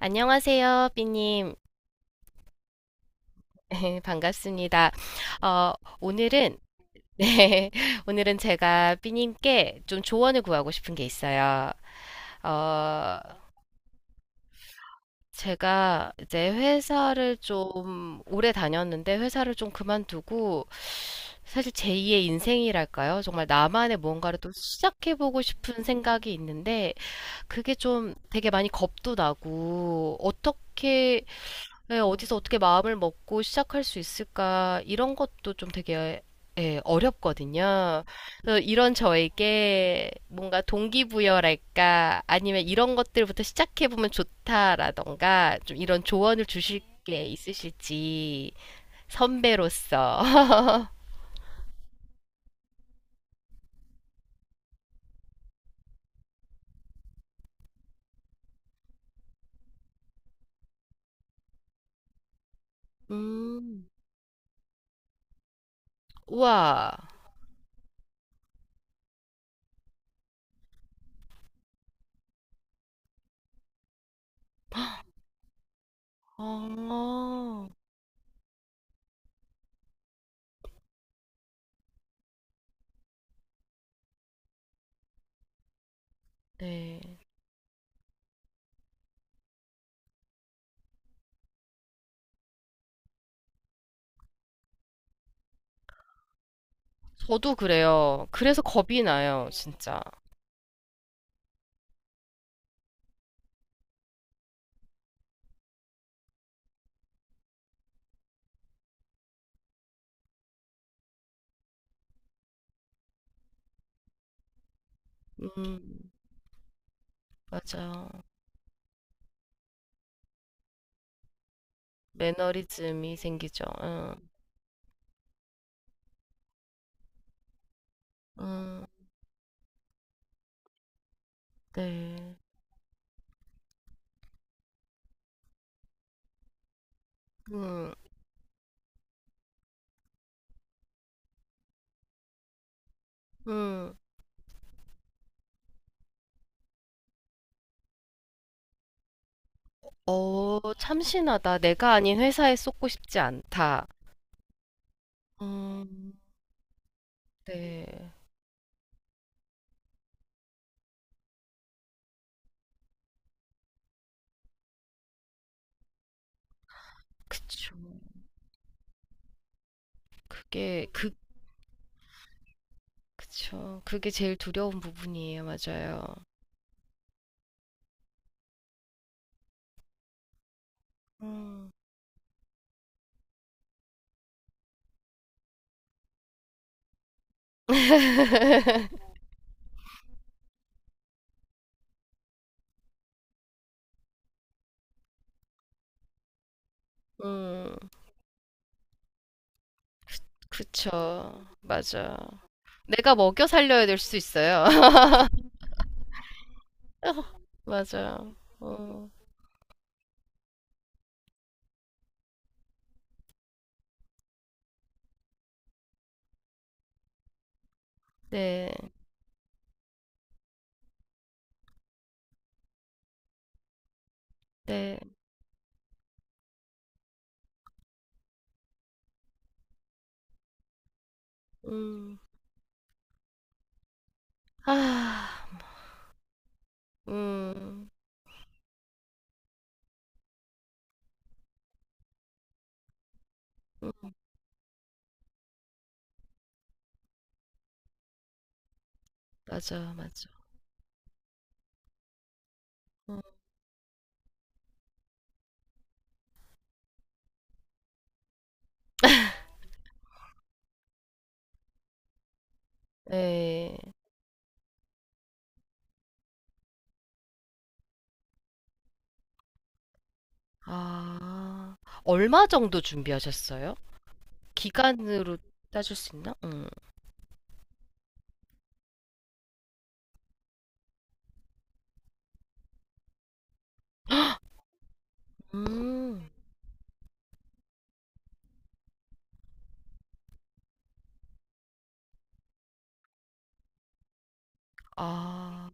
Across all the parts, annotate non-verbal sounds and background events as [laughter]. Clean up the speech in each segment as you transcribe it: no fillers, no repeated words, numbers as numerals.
안녕하세요, 삐님. [laughs] 반갑습니다. 어, 오늘은, [laughs] 네, 오늘은 제가 삐님께 좀 조언을 구하고 싶은 게 있어요. 어, 제가 이제 회사를 좀 오래 다녔는데 회사를 좀 그만두고 사실 제2의 인생이랄까요? 정말 나만의 뭔가를 또 시작해보고 싶은 생각이 있는데 그게 좀 되게 많이 겁도 나고 어떻게 예, 어디서 어떻게 마음을 먹고 시작할 수 있을까, 이런 것도 좀 되게, 예, 어렵거든요. 그래서 이런 저에게 뭔가 동기부여랄까, 아니면 이런 것들부터 시작해보면 좋다라던가, 좀 이런 조언을 주실 게 있으실지, 선배로서. [laughs] 음, 우와. 어, 네. 저도 그래요. 그래서 겁이 나요, 진짜. 음, 맞아요. 매너리즘이 생기죠. 응. 음, 네. 음, 음. 어, 참신하다. 내가 아닌 회사에 쏟고 싶지 않다. 음, 네. 그쵸. 그게, 그, 그쵸. 그게 제일 두려운 부분이에요. 맞아요. 음, 음, 그쵸. 맞아. 내가 먹여 살려야 될 수 있어요. [laughs] 맞아요. 어, 네. 네. 음, 아, 음, 음, 맞아. 맞아. 음, 네. 아, 얼마 정도 준비하셨어요? 기간으로 따질 수 있나? 음. 아,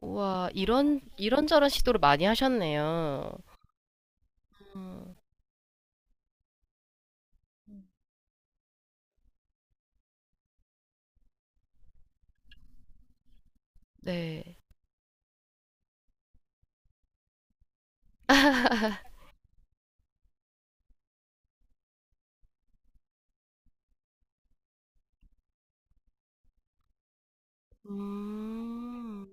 우와, 이런저런 시도를 많이 하셨네요. 음, 네. [laughs] 음,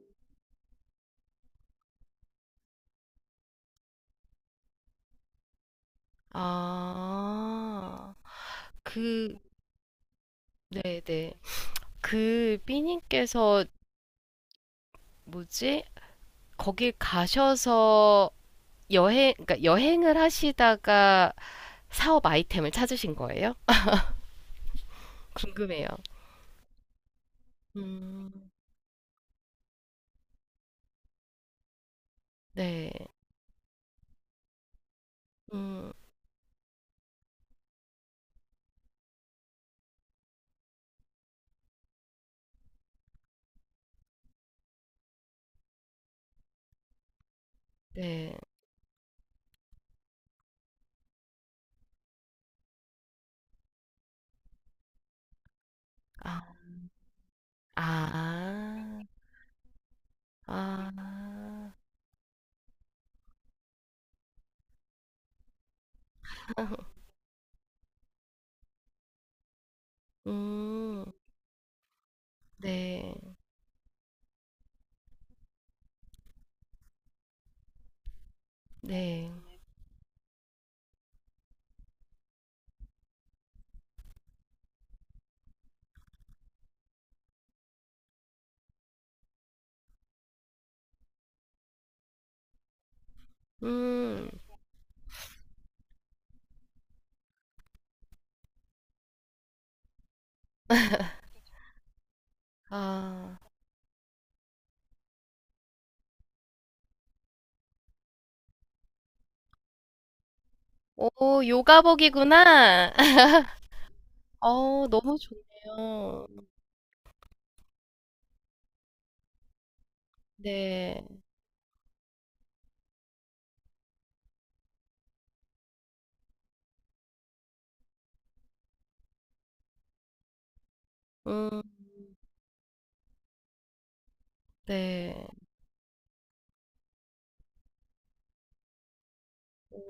아, 그, 네네. 그, 삐님께서, 뭐지? 거길 가셔서 여행, 그러니까 여행을 하시다가 사업 아이템을 찾으신 거예요? 궁금해요. 음. 네. 음. 네. 아. 아. 아. [laughs] 음. 네. 네. 음. 아. 오 요가복이구나. [laughs] 어 너무 좋네요. 네. 음. 네.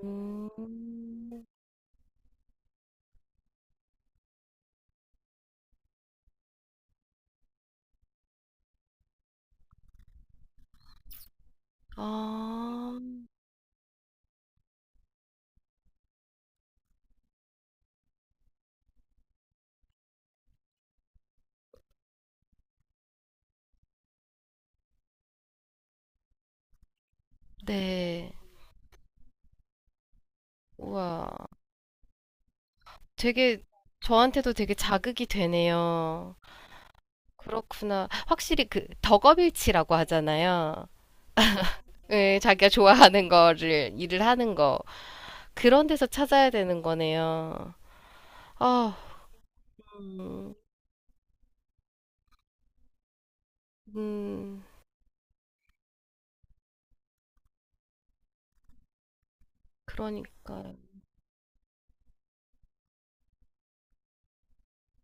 음. 아. 네. 우와. 되게 저한테도 되게 자극이 되네요. 그렇구나. 확실히 그 덕업일치라고 하잖아요. 예, 자기가 좋아하는 거를 일을 하는 거 그런 데서 찾아야 되는 거네요. 아, 음, 음, 그러니까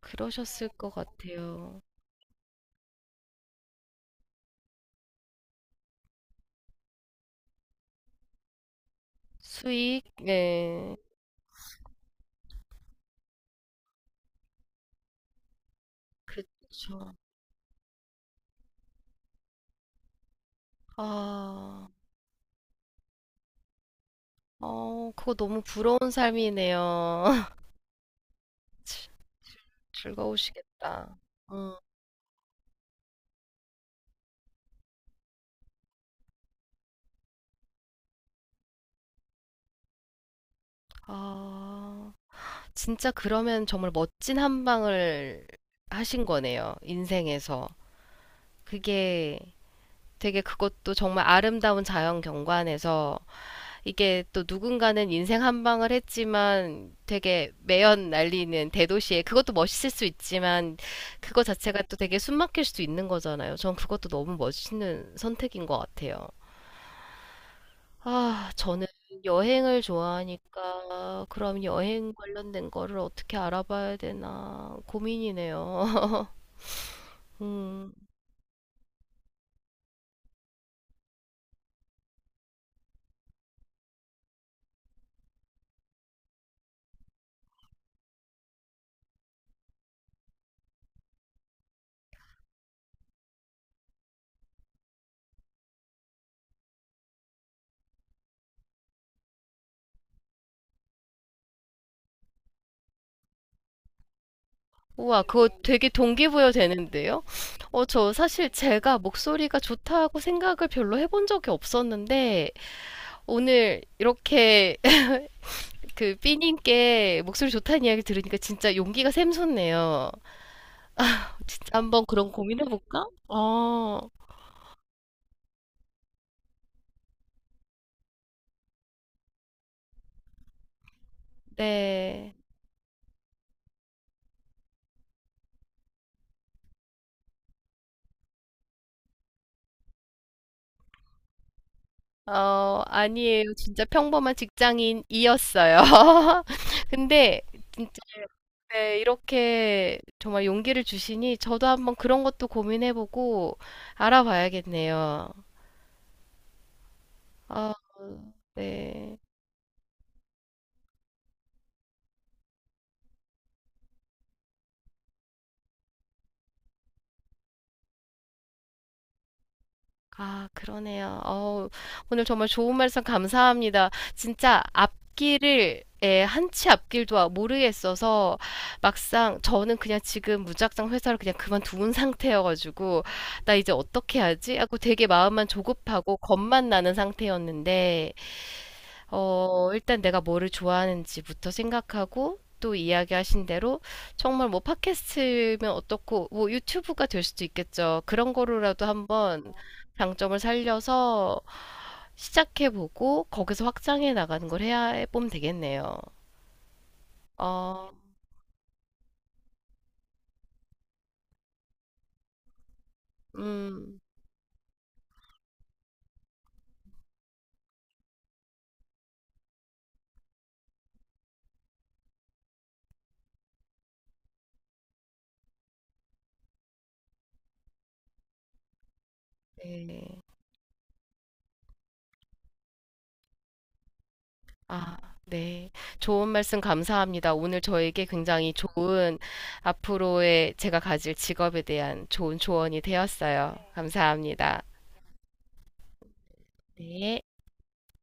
그러셨을 것 같아요. 수익, 네, 그쵸. 아, 그거 너무 부러운 삶이네요. [laughs] 즐- 즐거우시겠다. 음, 아. 진짜 그러면 정말 멋진 한 방을 하신 거네요. 인생에서. 그게 되게 그것도 정말 아름다운 자연 경관에서 이게 또 누군가는 인생 한 방을 했지만 되게 매연 날리는 대도시에 그것도 멋있을 수 있지만 그거 자체가 또 되게 숨막힐 수도 있는 거잖아요. 전 그것도 너무 멋있는 선택인 것 같아요. 아, 저는 여행을 좋아하니까 그럼 여행 관련된 거를 어떻게 알아봐야 되나 고민이네요. [laughs] 음. 우와, 그거 되게 동기부여 되는데요? 저 사실 제가 목소리가 좋다고 생각을 별로 해본 적이 없었는데 오늘 이렇게 [laughs] 그 삐님께 목소리 좋다는 이야기 들으니까 진짜 용기가 샘솟네요. [laughs] 아, 진짜 한번 그런 고민해볼까? 어, 네. 아니에요. 진짜 평범한 직장인이었어요. [laughs] 근데 진짜 네, 이렇게 정말 용기를 주시니 저도 한번 그런 것도 고민해보고 알아봐야겠네요. 아, 네. 아 그러네요. 어우 오늘 정말 좋은 말씀 감사합니다. 진짜 앞길을 예, 한치 앞길도 모르겠어서 막상 저는 그냥 지금 무작정 회사를 그냥 그만두은 상태여가지고 나 이제 어떻게 하지? 하고 되게 마음만 조급하고 겁만 나는 상태였는데 일단 내가 뭐를 좋아하는지부터 생각하고 또 이야기하신 대로 정말 뭐 팟캐스트면 어떻고 뭐 유튜브가 될 수도 있겠죠. 그런 거로라도 한번 장점을 살려서 시작해보고 거기서 확장해 나가는 걸 해야 해보면 되겠네요. 어, 음, 네. 아, 네. 좋은 말씀 감사합니다. 오늘 저에게 굉장히 좋은 앞으로의 제가 가질 직업에 대한 좋은 조언이 되었어요. 감사합니다. 네.